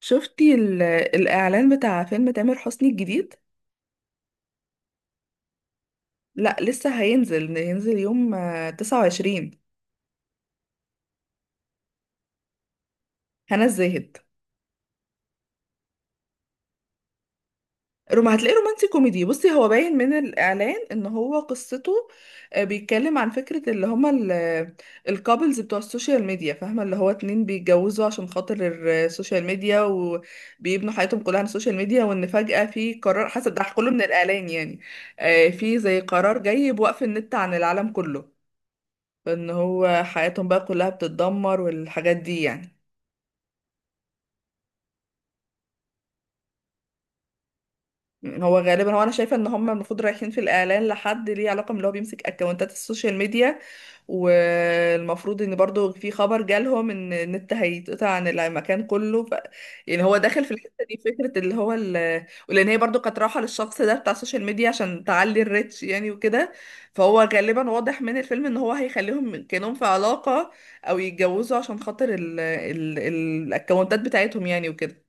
شفتي ال- الإعلان بتاع فيلم تامر حسني الجديد؟ لا لسه هينزل هينزل يوم 29. هنا الزاهد. روم هتلاقيه رومانسي كوميدي. بصي هو باين من الإعلان إن هو قصته بيتكلم عن فكرة اللي هما الكابلز بتوع السوشيال ميديا، فاهمة؟ اللي هو اتنين بيتجوزوا عشان خاطر السوشيال ميديا، وبيبنوا حياتهم كلها على السوشيال ميديا، وإن فجأة في قرار، حسب ده كله من الإعلان يعني، في زي قرار جاي بوقف النت عن العالم كله، ان هو حياتهم بقى كلها بتتدمر والحاجات دي يعني. يعني هو غالبا هو انا شايفه ان هم المفروض رايحين في الاعلان لحد ليه علاقه من اللي هو بيمسك اكونتات السوشيال ميديا، والمفروض ان برضو في خبر جالهم ان النت هيتقطع عن المكان كله يعني هو داخل في الحته دي فكره اللي هو ولان هي برضو كانت رايحه للشخص ده بتاع السوشيال ميديا عشان تعلي الريتش يعني وكده. فهو غالبا واضح من الفيلم ان هو هيخليهم كانهم في علاقه او يتجوزوا عشان خاطر الاكونتات بتاعتهم يعني وكده.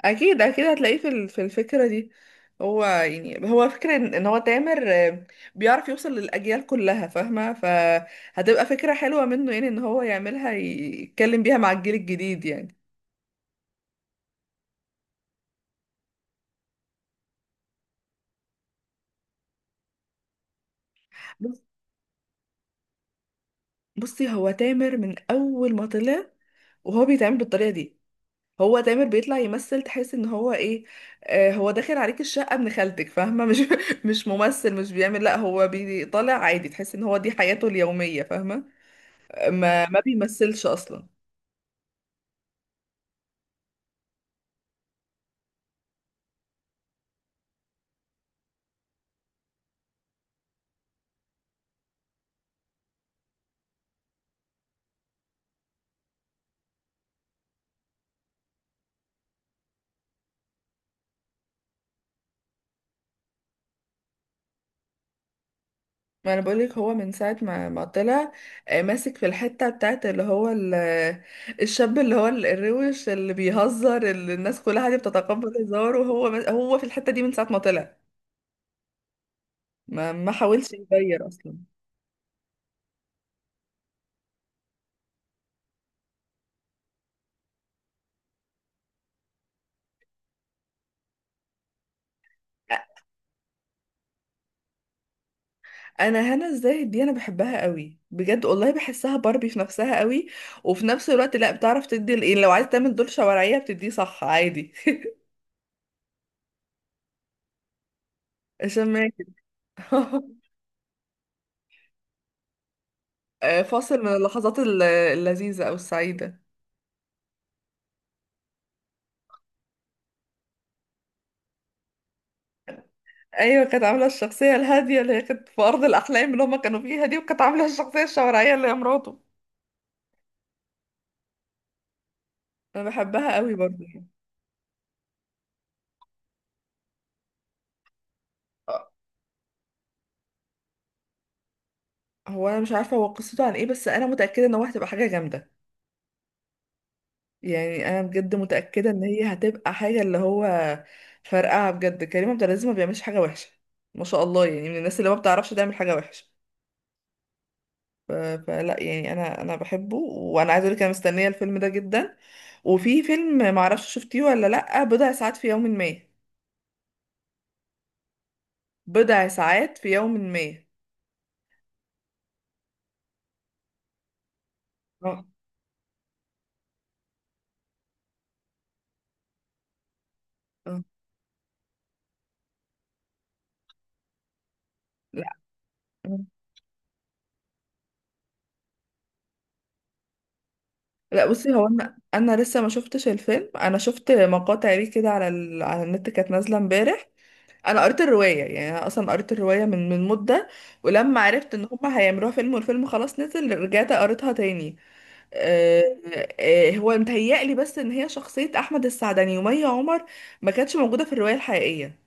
اكيد اكيد هتلاقيه في في الفكره دي. هو يعني هو فكره ان إن هو تامر بيعرف يوصل للاجيال كلها، فاهمه؟ فهتبقى فكره حلوه منه، يعني ان هو يعملها يتكلم بيها مع الجيل الجديد يعني. بص- بصي هو تامر من اول ما طلع وهو بيتعامل بالطريقه دي. هو تامر بيطلع يمثل، تحس ان هو ايه، هو داخل عليك الشقه ابن خالتك، فاهمه؟ مش مش ممثل، مش بيعمل، لا هو بيطلع عادي، تحس ان هو دي حياته اليوميه، فاهمه؟ ما بيمثلش اصلا. ما انا بقولك هو من ساعة ما طلع، ماسك في الحتة بتاعت اللي هو الشاب اللي هو الروش اللي بيهزر اللي الناس كلها دي بتتقبل هزاره. وهو هو في الحتة دي من ساعة ما طلع، ما حاولش يغير اصلا. انا هنا الزاهد دي انا بحبها قوي بجد، والله بحسها باربي في نفسها قوي. وفي نفس الوقت لا بتعرف تدي يعني لو عايز تعمل دور شوارعية بتديه، صح؟ عادي. عشان ماكن. فاصل من اللحظات اللذيذة او السعيدة. ايوه، كانت عامله الشخصيه الهاديه اللي هي كانت في ارض الاحلام اللي هما كانوا فيها دي، وكانت عامله الشخصيه الشوارعيه اللي هي مراته. انا بحبها قوي برضه يعني. آه، هو انا مش عارفه هو قصته عن ايه، بس انا متاكده ان هو هتبقى حاجه جامده. يعني انا بجد متاكده ان هي هتبقى حاجه اللي هو فرقعه بجد. كريم عبد العزيز ما بيعملش حاجه وحشه، ما شاء الله، يعني من الناس اللي ما بتعرفش تعمل حاجه وحشه. ف- فلا يعني انا بحبه، وانا عايزه اقول لك انا مستنيه الفيلم ده جدا. وفي فيلم معرفش شفتيه ولا لا، بضع ساعات في يوم ما. بضع ساعات في يوم ما. آه. آه. لا، لا بصي هو انا انا لسه ما شفتش الفيلم، انا شفت مقاطع ليه كده على على النت كانت نازله امبارح. انا قريت الروايه، يعني انا اصلا قريت الروايه من مده. ولما عرفت ان هم هيعملوها فيلم والفيلم خلاص نزل، رجعت قريتها تاني. آه... هو متهيألي بس ان هي شخصيه احمد السعدني ومي عمر ما كانتش موجوده في الروايه الحقيقيه.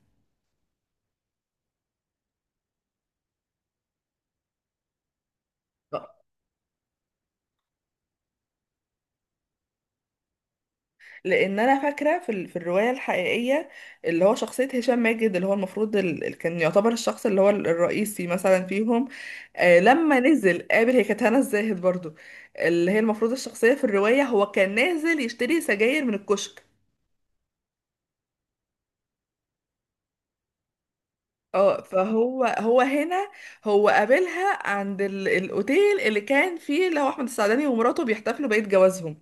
لان انا فاكره في في الروايه الحقيقيه اللي هو شخصيه هشام ماجد اللي هو المفروض كان يعتبر الشخص اللي هو الرئيسي مثلا فيهم. آه، لما نزل قابل، هي كانت هنا الزاهد برضو، اللي هي المفروض الشخصيه في الروايه. هو كان نازل يشتري سجاير من الكشك. اه فهو هو هنا هو قابلها عند الاوتيل اللي كان فيه اللي هو احمد السعداني ومراته بيحتفلوا بعيد جوازهم.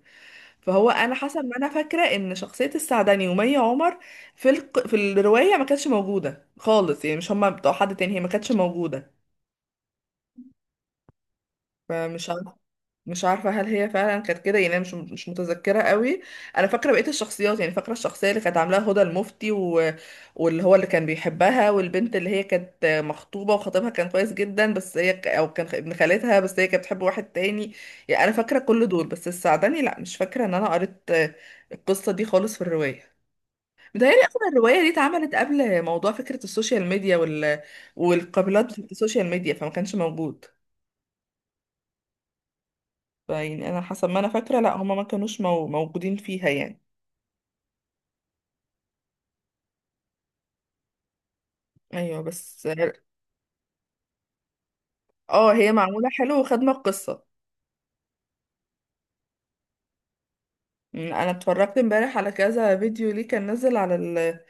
فهو انا حسب ما انا فاكره ان شخصيه السعدني ومي عمر في في الروايه ما كانتش موجوده خالص، يعني مش هما بتوع حد تاني، هي ما كانتش موجوده. فمش عارفه، مش عارفه هل هي فعلا كانت كده يعني، أنا مش متذكره قوي. انا فاكره بقيه الشخصيات، يعني فاكره الشخصيه اللي كانت عاملاها هدى المفتي واللي هو اللي كان بيحبها، والبنت اللي هي كانت مخطوبه وخطيبها كان كويس جدا، بس هي او كان ابن خالتها، بس هي كانت بتحب واحد تاني. يعني انا فاكره كل دول، بس السعدني لا، مش فاكره ان انا قريت القصه دي خالص في الروايه. متهيألي أصلا الرواية دي اتعملت قبل موضوع فكرة السوشيال ميديا والقابلات في السوشيال ميديا، فما كانش موجود. فيعني أنا حسب ما أنا فاكرة لا، هما ما كانوش موجودين فيها يعني. أيوة، بس اه هي معمولة حلو وخدمة القصة. أنا اتفرجت امبارح على كذا فيديو ليه كان نزل على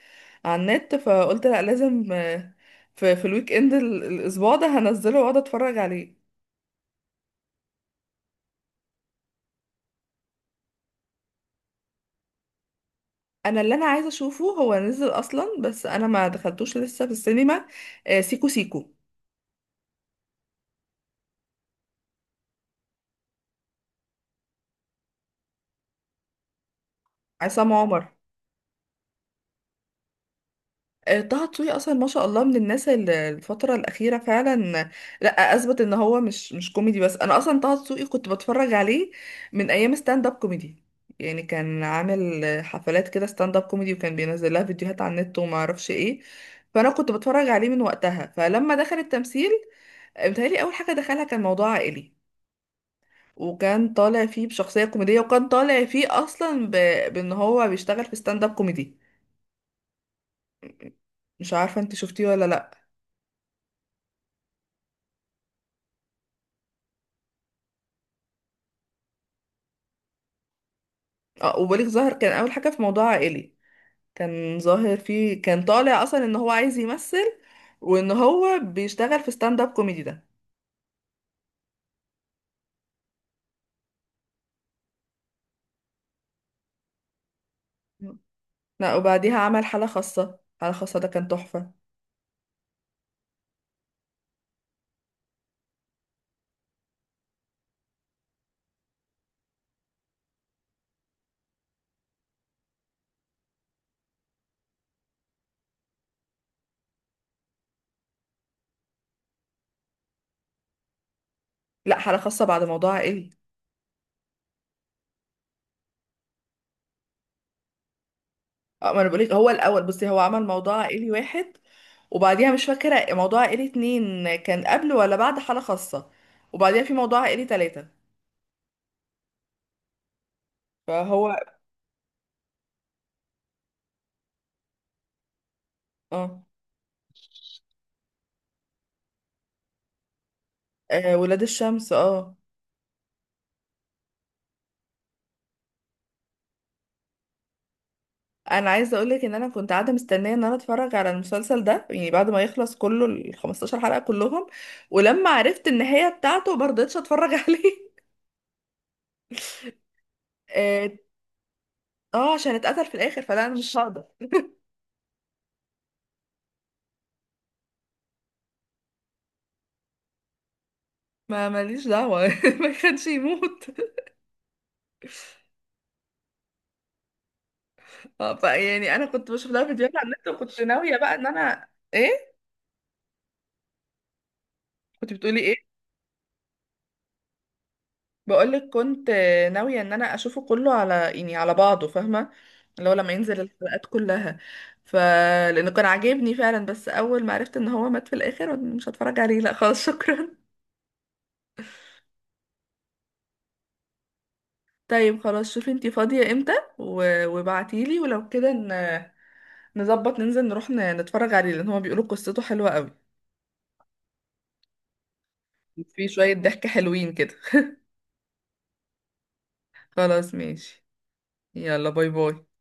على النت، فقلت لا لازم، في الويك إند الأسبوع ده هنزله وأقعد أتفرج عليه. أنا اللي أنا عايزة أشوفه هو نزل أصلا، بس أنا ما دخلتوش لسه في السينما، سيكو سيكو. عصام عمر. طه دسوقي اصلا ما شاء الله من الناس اللي الفتره الاخيره فعلا لا اثبت ان هو مش مش كوميدي بس. انا اصلا طه دسوقي كنت بتفرج عليه من ايام ستاند اب كوميدي، يعني كان عامل حفلات كده ستاند اب كوميدي، وكان بينزل لها فيديوهات على النت وما اعرفش ايه. فانا كنت بتفرج عليه من وقتها. فلما دخل التمثيل، متهيألي اول حاجه دخلها كان موضوع عائلي، وكان طالع فيه بشخصيه كوميديه، وكان طالع فيه اصلا بان هو بيشتغل في ستاند اب كوميدي. مش عارفه انت شفتيه ولا لا. اه، وبليغ ظاهر كان اول حاجه في موضوع عائلي، كان ظاهر فيه، كان طالع اصلا ان هو عايز يمثل وان هو بيشتغل في ستاند اب كوميدي ده. لا وبعديها عمل حاله خاصه، حاله خاصه ده كان تحفه. لا، حاله خاصه بعد موضوع عائلي. اه، ما انا بقولك، هو الاول، بصي هو عمل موضوع عائلي واحد، وبعديها مش فاكره موضوع عائلي اتنين كان قبل ولا بعد حاله خاصه، وبعديها في موضوع عائلي تلاته. فهو اه. ولاد الشمس، اه. انا عايزه اقولك ان انا كنت قاعده مستنيه ان انا اتفرج على المسلسل ده يعني بعد ما يخلص كله، ال 15 حلقه كلهم. ولما عرفت النهايه بتاعته ما رضيتش اتفرج عليه. اه. عشان اتقتل في الاخر، فلا انا مش هقدر. ما ماليش دعوه ما كانش يموت. فيعني انا كنت بشوف لها فيديوهات على النت، وكنت ناويه بقى ان انا ايه. كنت بتقولي ايه؟ بقولك كنت ناوية ان انا اشوفه كله على يعني على بعضه، فاهمة؟ اللي هو لما ينزل الحلقات كلها. ف لانه كان عاجبني فعلا، بس اول ما عرفت ان هو مات في الاخر مش هتفرج عليه، لا خلاص شكرا. طيب خلاص، شوفي انتي فاضية امتى و... وابعتيلي، ولو كده نظبط ننزل نروح نتفرج عليه، لان هما بيقولوا قصته حلوة قوي. في شوية ضحك حلوين كده. خلاص ماشي. يلا باي باي.